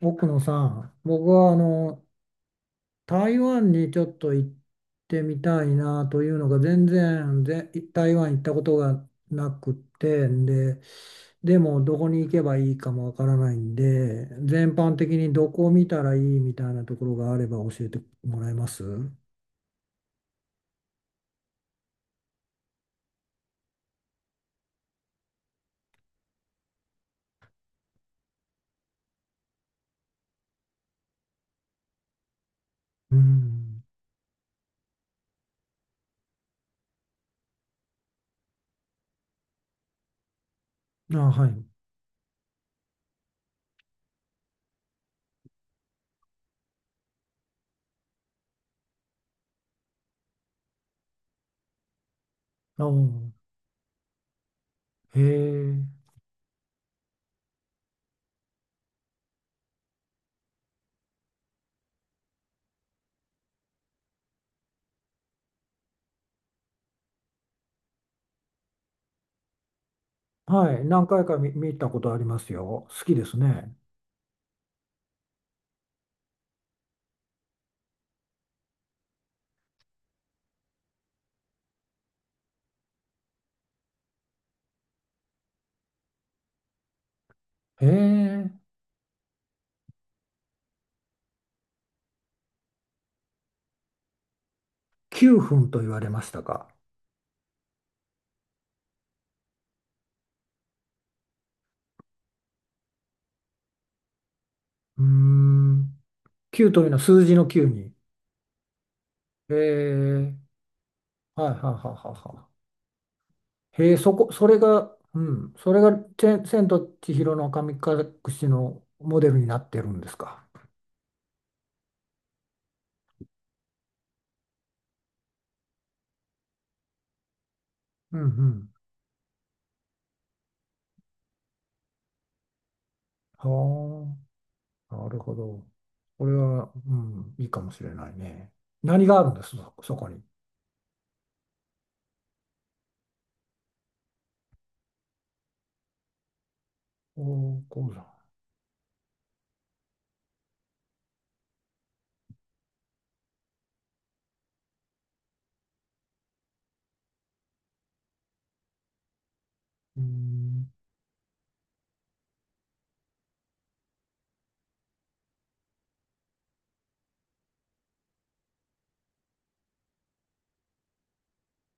奥野さん、僕は台湾にちょっと行ってみたいなというのが全然台湾行ったことがなくてんで、でもどこに行けばいいかもわからないんで、全般的にどこを見たらいいみたいなところがあれば教えてもらえます。うん。あ、はい。あ、うん。へえ。はい。何回か見たことありますよ。好きですね。へえ。9分と言われましたか。うーん。9というのは数字の9に。へえ、はいはいはいはいはい。へえ、そこ、それが、うん、それがチェン千と千尋の神隠しのモデルになってるんですか。うんうん。はあ、なるほど。これは、うん、いいかもしれないね。何があるんですそこに。おー、鉱山。うん、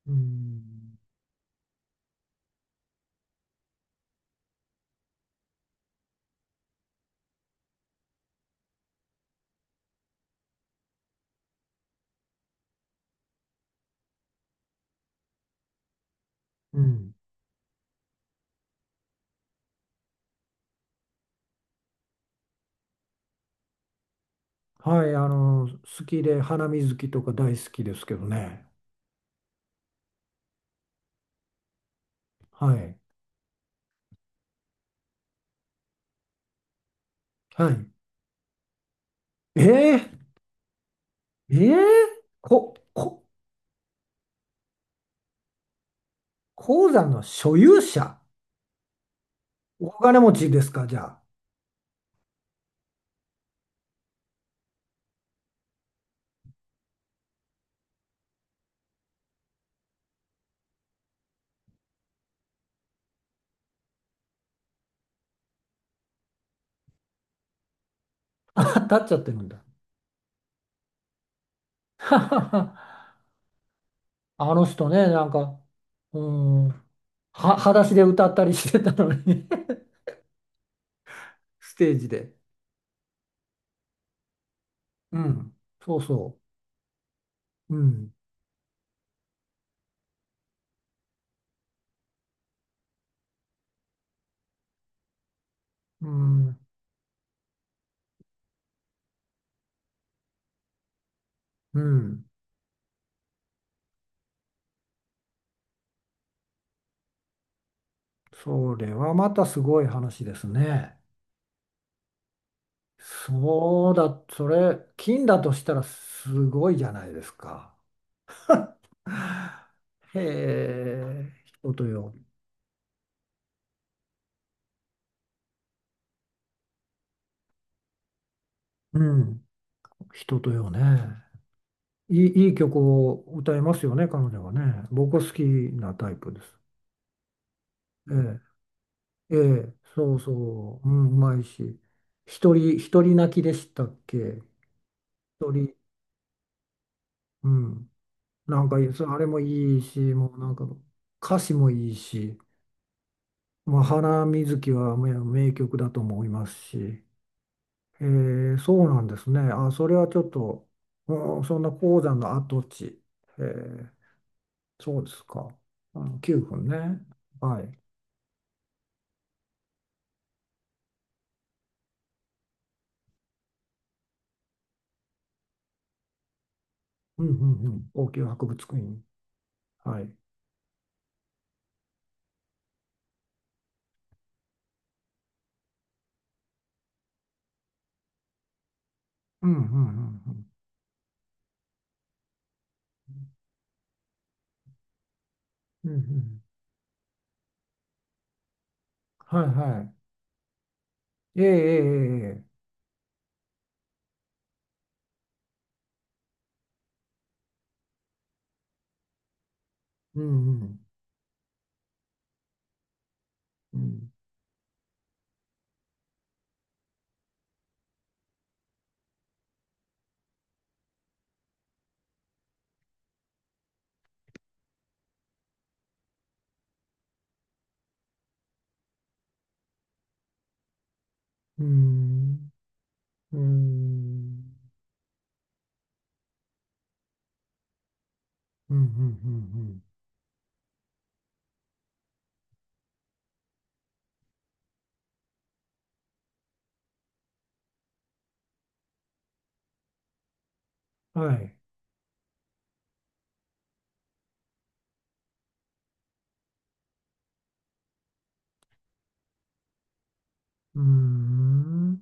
うん、うん。はい、好きで、花水木とか大好きですけどね。はい。はい。ええええこ、こ、鉱山の所有者。お金持ちですか、じゃあ。あ、立っちゃってるんだ。はははあの人ね、なんか、うーん、裸足で歌ったりしてたのに ステージで。うん、そうそう。うん、うん、うん。それはまたすごい話ですね。そうだ、それ、金だとしたらすごいじゃないですか。へえ、人とよ。うん。人とよね。いい曲を歌いますよね、彼女はね。僕は好きなタイプです。ええええ、そうそう、うん、うまいし。一人泣きでしたっけ。一人、うん。なんか、そうあれもいいし、もうなんか、歌詞もいいし、まあ、花水木はもう名曲だと思いますし、そうなんですね。あ、それはちょっと、うん、そんな鉱山の跡地。ええ、そうですか。あの、9分ね。はい。うんうんうん。王宮博物院。はい。うんうんうんうん。うんうん。はいはい。ええええええ。うんうんうん。うん。うん。うんうんうんうん。はい。うーん。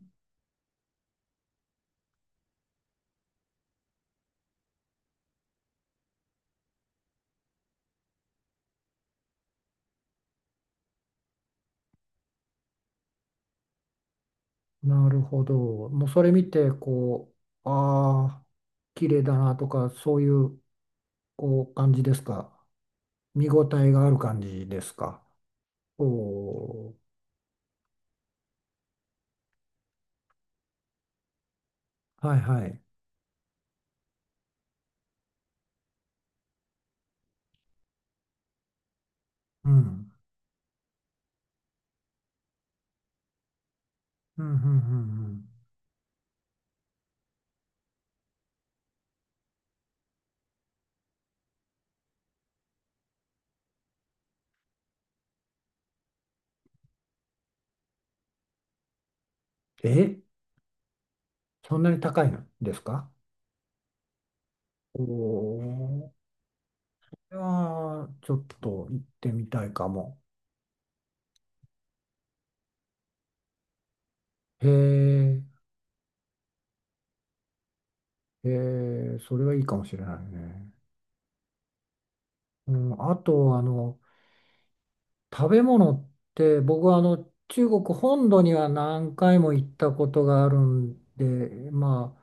なるほど。もうそれ見て、こう、ああ、綺麗だなとか、そういう、こう、感じですか。見応えがある感じですか。おお。はいはい。うん。うん、うん、うん。うん、え、そんなに高いのですか。おおー。ああ、ちょっと行ってみたいかも。へえ、へえ、それはいいかもしれないね。うん、あと、食べ物って、僕は中国本土には何回も行ったことがあるんで、まあ、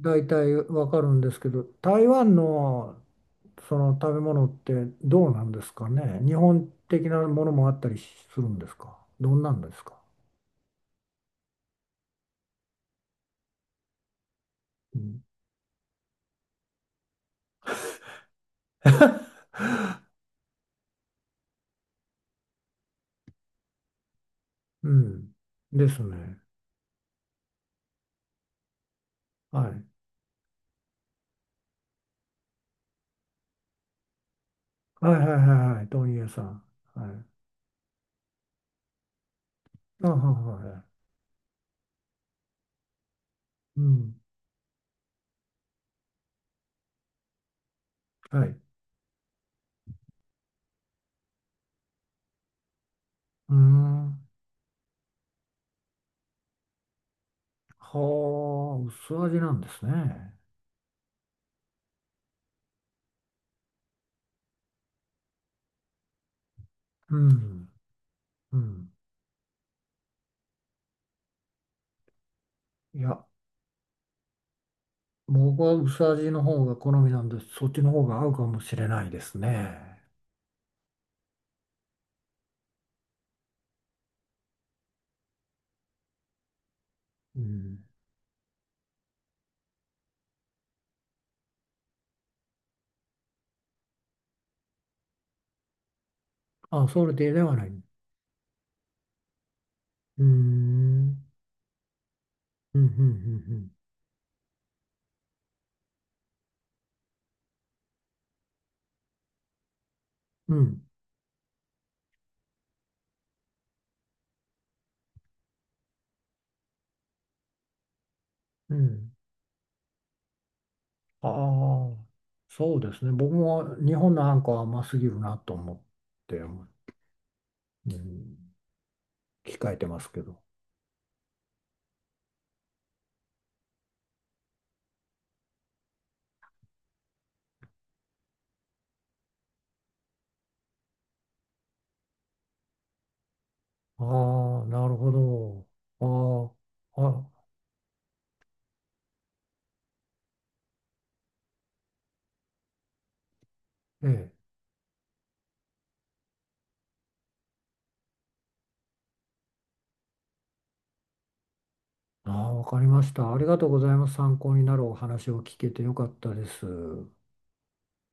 大体わかるんですけど、台湾のその食べ物ってどうなんですかね。日本的なものもあったりするんですか。どんなんですか。うん。うん。ですね。はい。はいはいはいはい。トニエさん。はい。あ、はいはいはい。うん。はい。うーん。はあ、薄味なんですね。うん。うん。いや、僕は薄味の方が好みなんで、そっちの方が合うかもしれないですね。うん。あ、それでではない。うーん。うん、うん、うん、うん、うん。うん。ああ、そうですね。僕も日本のハンは甘すぎるなと思って、うん、控えてますけど。ああ、なるほど。ああ、あ、ええ。ああ、わかりました。ありがとうございます。参考になるお話を聞けてよかったです。